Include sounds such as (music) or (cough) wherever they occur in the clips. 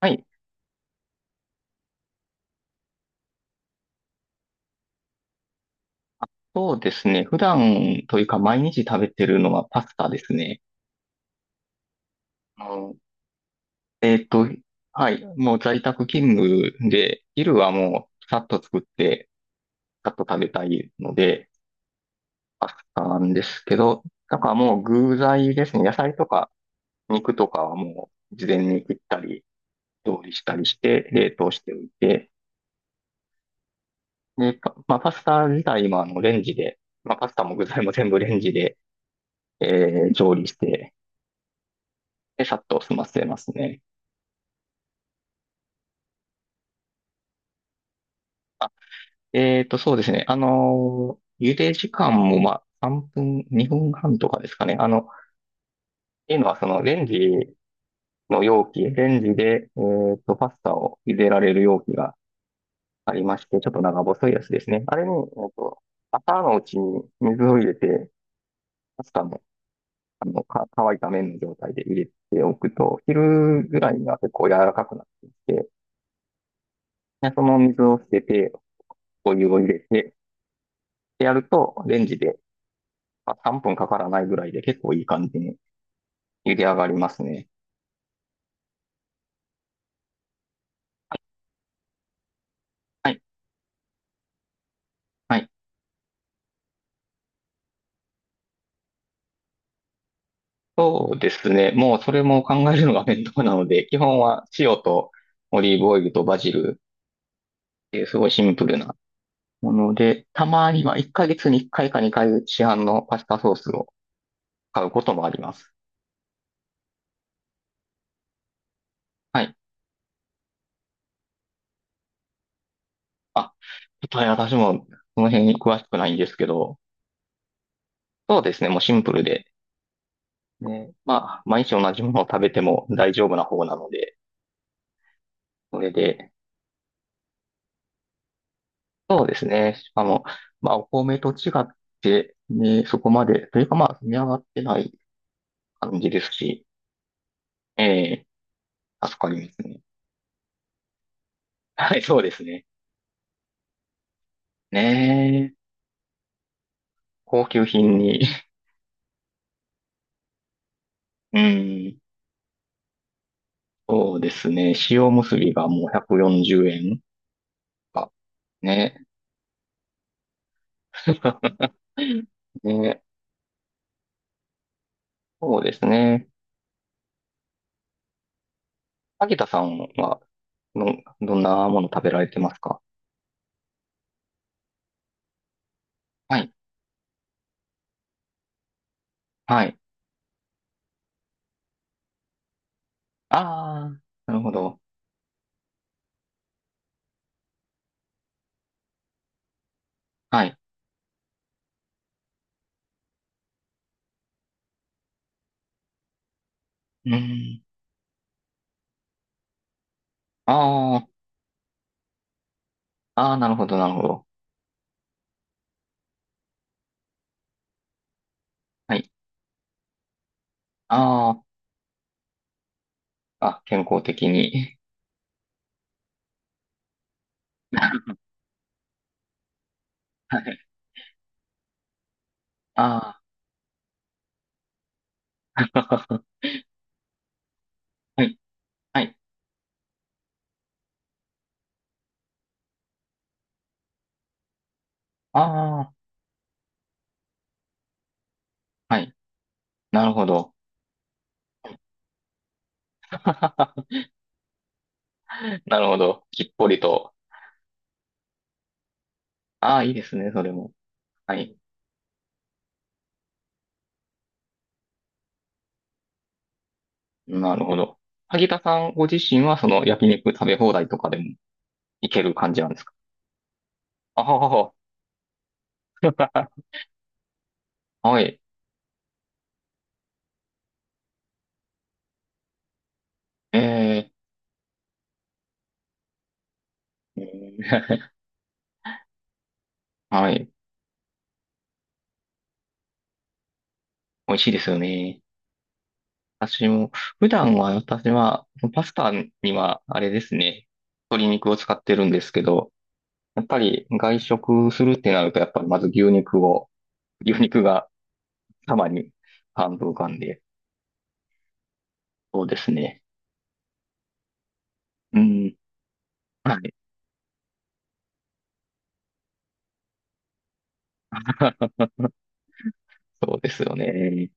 はい。そうですね。普段というか毎日食べてるのはパスタですね。あのえっと、はい。もう在宅勤務で、昼はもうさっと作って、さっと食べたいので、パスタなんですけど、だからもう具材ですね。野菜とか肉とかはもう事前に切ったり、調理したりして、冷凍しておいて、で、パまあ、パスタ自体もレンジで、まあ、パスタも具材も全部レンジで、調理して、で、さっと済ませますね。そうですね。茹で時間も、まあ、3分、2分半とかですかね。っていうのは、レンジの容器、レンジで、パスタを茹でられる容器がありまして、ちょっと長細いやつですね。あれに、っと、朝のうちに水を入れて、パスタも、乾いた麺の状態で入れておくと、昼ぐらいには結構柔らかくなってきて、でその水を捨てて、お湯を入れて、でやると、レンジで、まあ、3分かからないぐらいで結構いい感じに茹で上がりますね。はい。はい。そうですね。もうそれも考えるのが面倒なので、基本は塩とオリーブオイルとバジルっていうすごいシンプルなもので、たまには1ヶ月に1回か2回市販のパスタソースを買うこともあります。はい。あ、ちょっとね、私もその辺に詳しくないんですけど、そうですね。もうシンプルで、ね、まあ、毎日同じものを食べても大丈夫な方なので、それでそうですね。しかも、まあ、お米と違って、ね、そこまで、というかまあ、積み上がってない感じですし、ええ、助かりますね。はい、そうですね。ねえ、高級品に、(laughs) うん、そうですね。塩むすびがもう140円か。ね。(laughs) ね、そうですね。萩田さんは、どんなもの食べられてますか？はい、はい。ああ、なるほど。はい。うん。ああ、ああ、なるほど、なるほど。はい。ああ、あ、健康的に。(laughs) はい。ああ、(laughs) はい、はい。ああ、はい。なるほど。(laughs) なるほど。きっぽりと。ああ、いいですね、それも。はい。なるほど。萩田さんご自身は、その焼肉食べ放題とかでもいける感じなんですか？あははは。(laughs) はい。えー、えー (laughs) はい。美味しいですよね。私も、普段は私は、パスタにはあれですね、鶏肉を使ってるんですけど、やっぱり外食するってなると、やっぱりまず牛肉が様に半分浮かんで、そうですね。うん。はい。(laughs) そうですよね。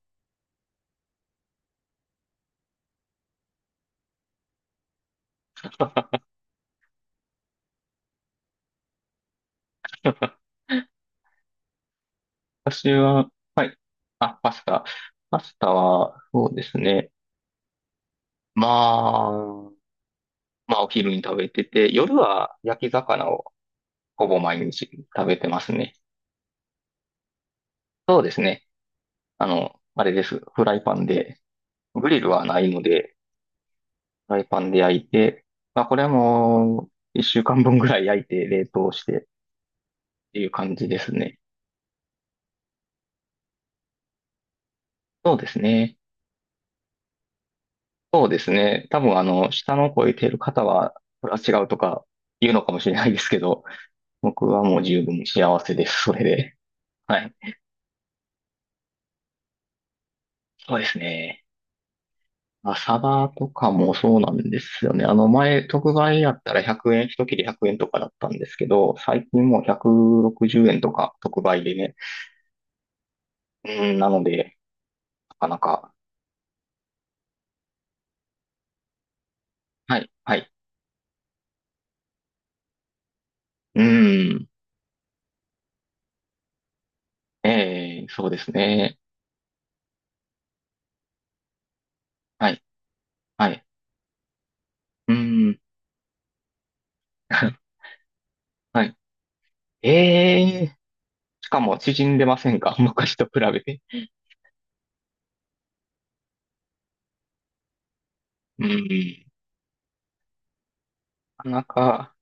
(laughs) 私は、あ、パスタ。パスタは、そうですね。まあ、まあお昼に食べてて、夜は焼き魚をほぼ毎日食べてますね。そうですね。あれです。フライパンで。グリルはないので、フライパンで焼いて、まあこれはもう、一週間分ぐらい焼いて冷凍してっていう感じですね。そうですね。そうですね。多分下の子をいている方は、これは違うとか言うのかもしれないですけど、僕はもう十分幸せです。それで。はい。そうですね。朝バとかもそうなんですよね。あの前、特売やったら100円、一切れ100円とかだったんですけど、最近もう160円とか特売でね。うん、なので、なかなか。はい、はい。うん、ええそうですね。はい、はい。うん、(laughs) はい。ええしかも縮んでませんか？ (laughs) 昔と比べて。うん、なか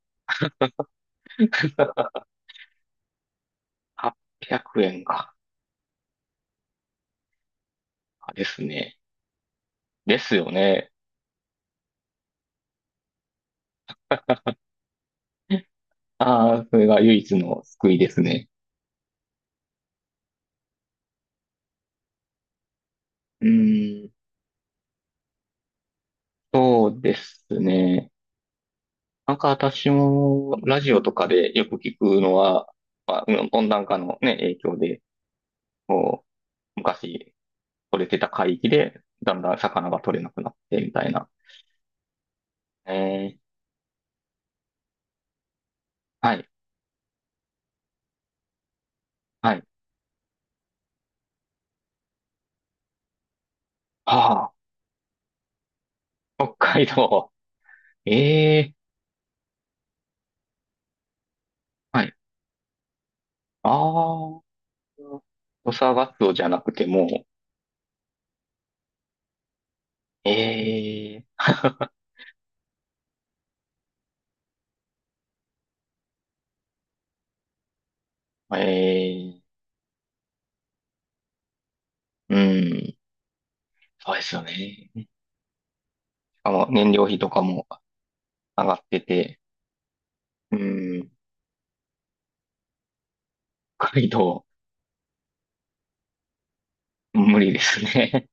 なか800 (laughs) 円か。ですね。ですよね。ああ、それが唯一の救いですね。うーん、そうですね。なんか私もラジオとかでよく聞くのは、まあ、うん温暖化のね、影響で、こう、昔取れてた海域で、だんだん魚が取れなくなってみたいな。えー、はい、はい。ああ、北海道。ええーはい。ああ、土佐ガツオじゃなくても、ええー (laughs) ええーうん、そうですよね。燃料費とかも上がってて、うん、北海道、無理ですね。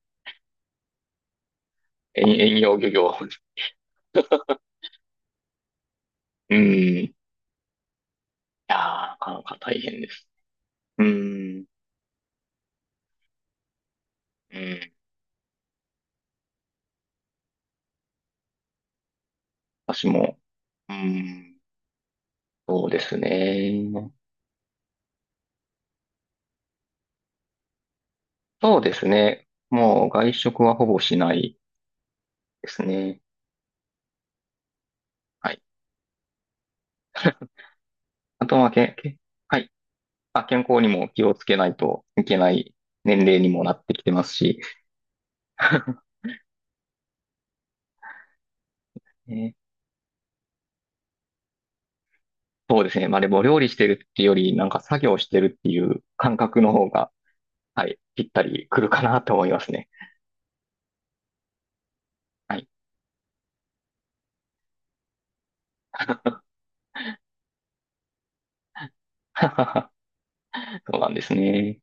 (laughs) 遠洋漁業。うん、いやー、なかなか大変です。うん、うん、私も、うん、そうですね。そうですね。もう外食はほぼしないですね。はい。(laughs) あとはけ、け、はい。あ、健康にも気をつけないといけない年齢にもなってきてますし。(laughs) ねそうですね。まあでも料理してるっていうより、なんか作業してるっていう感覚の方が、はい、ぴったりくるかなと思いますね。はい。(laughs) そうなんですね。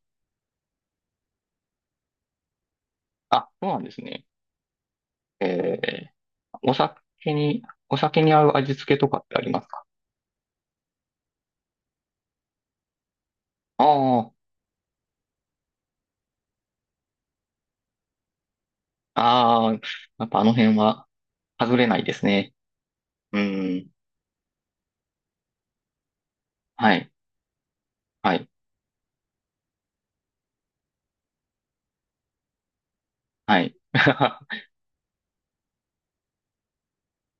あ、そうなんですね。えー、お酒に、お酒に合う味付けとかってありますか？ああ、ああ、やっぱあの辺は外れないですね。うん。はい、はい、はい。(laughs)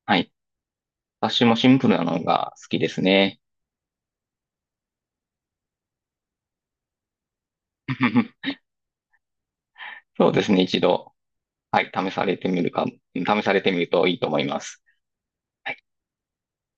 はい。私もシンプルなのが好きですね。(laughs) そうですね、一度。はい、試されてみるといいと思います。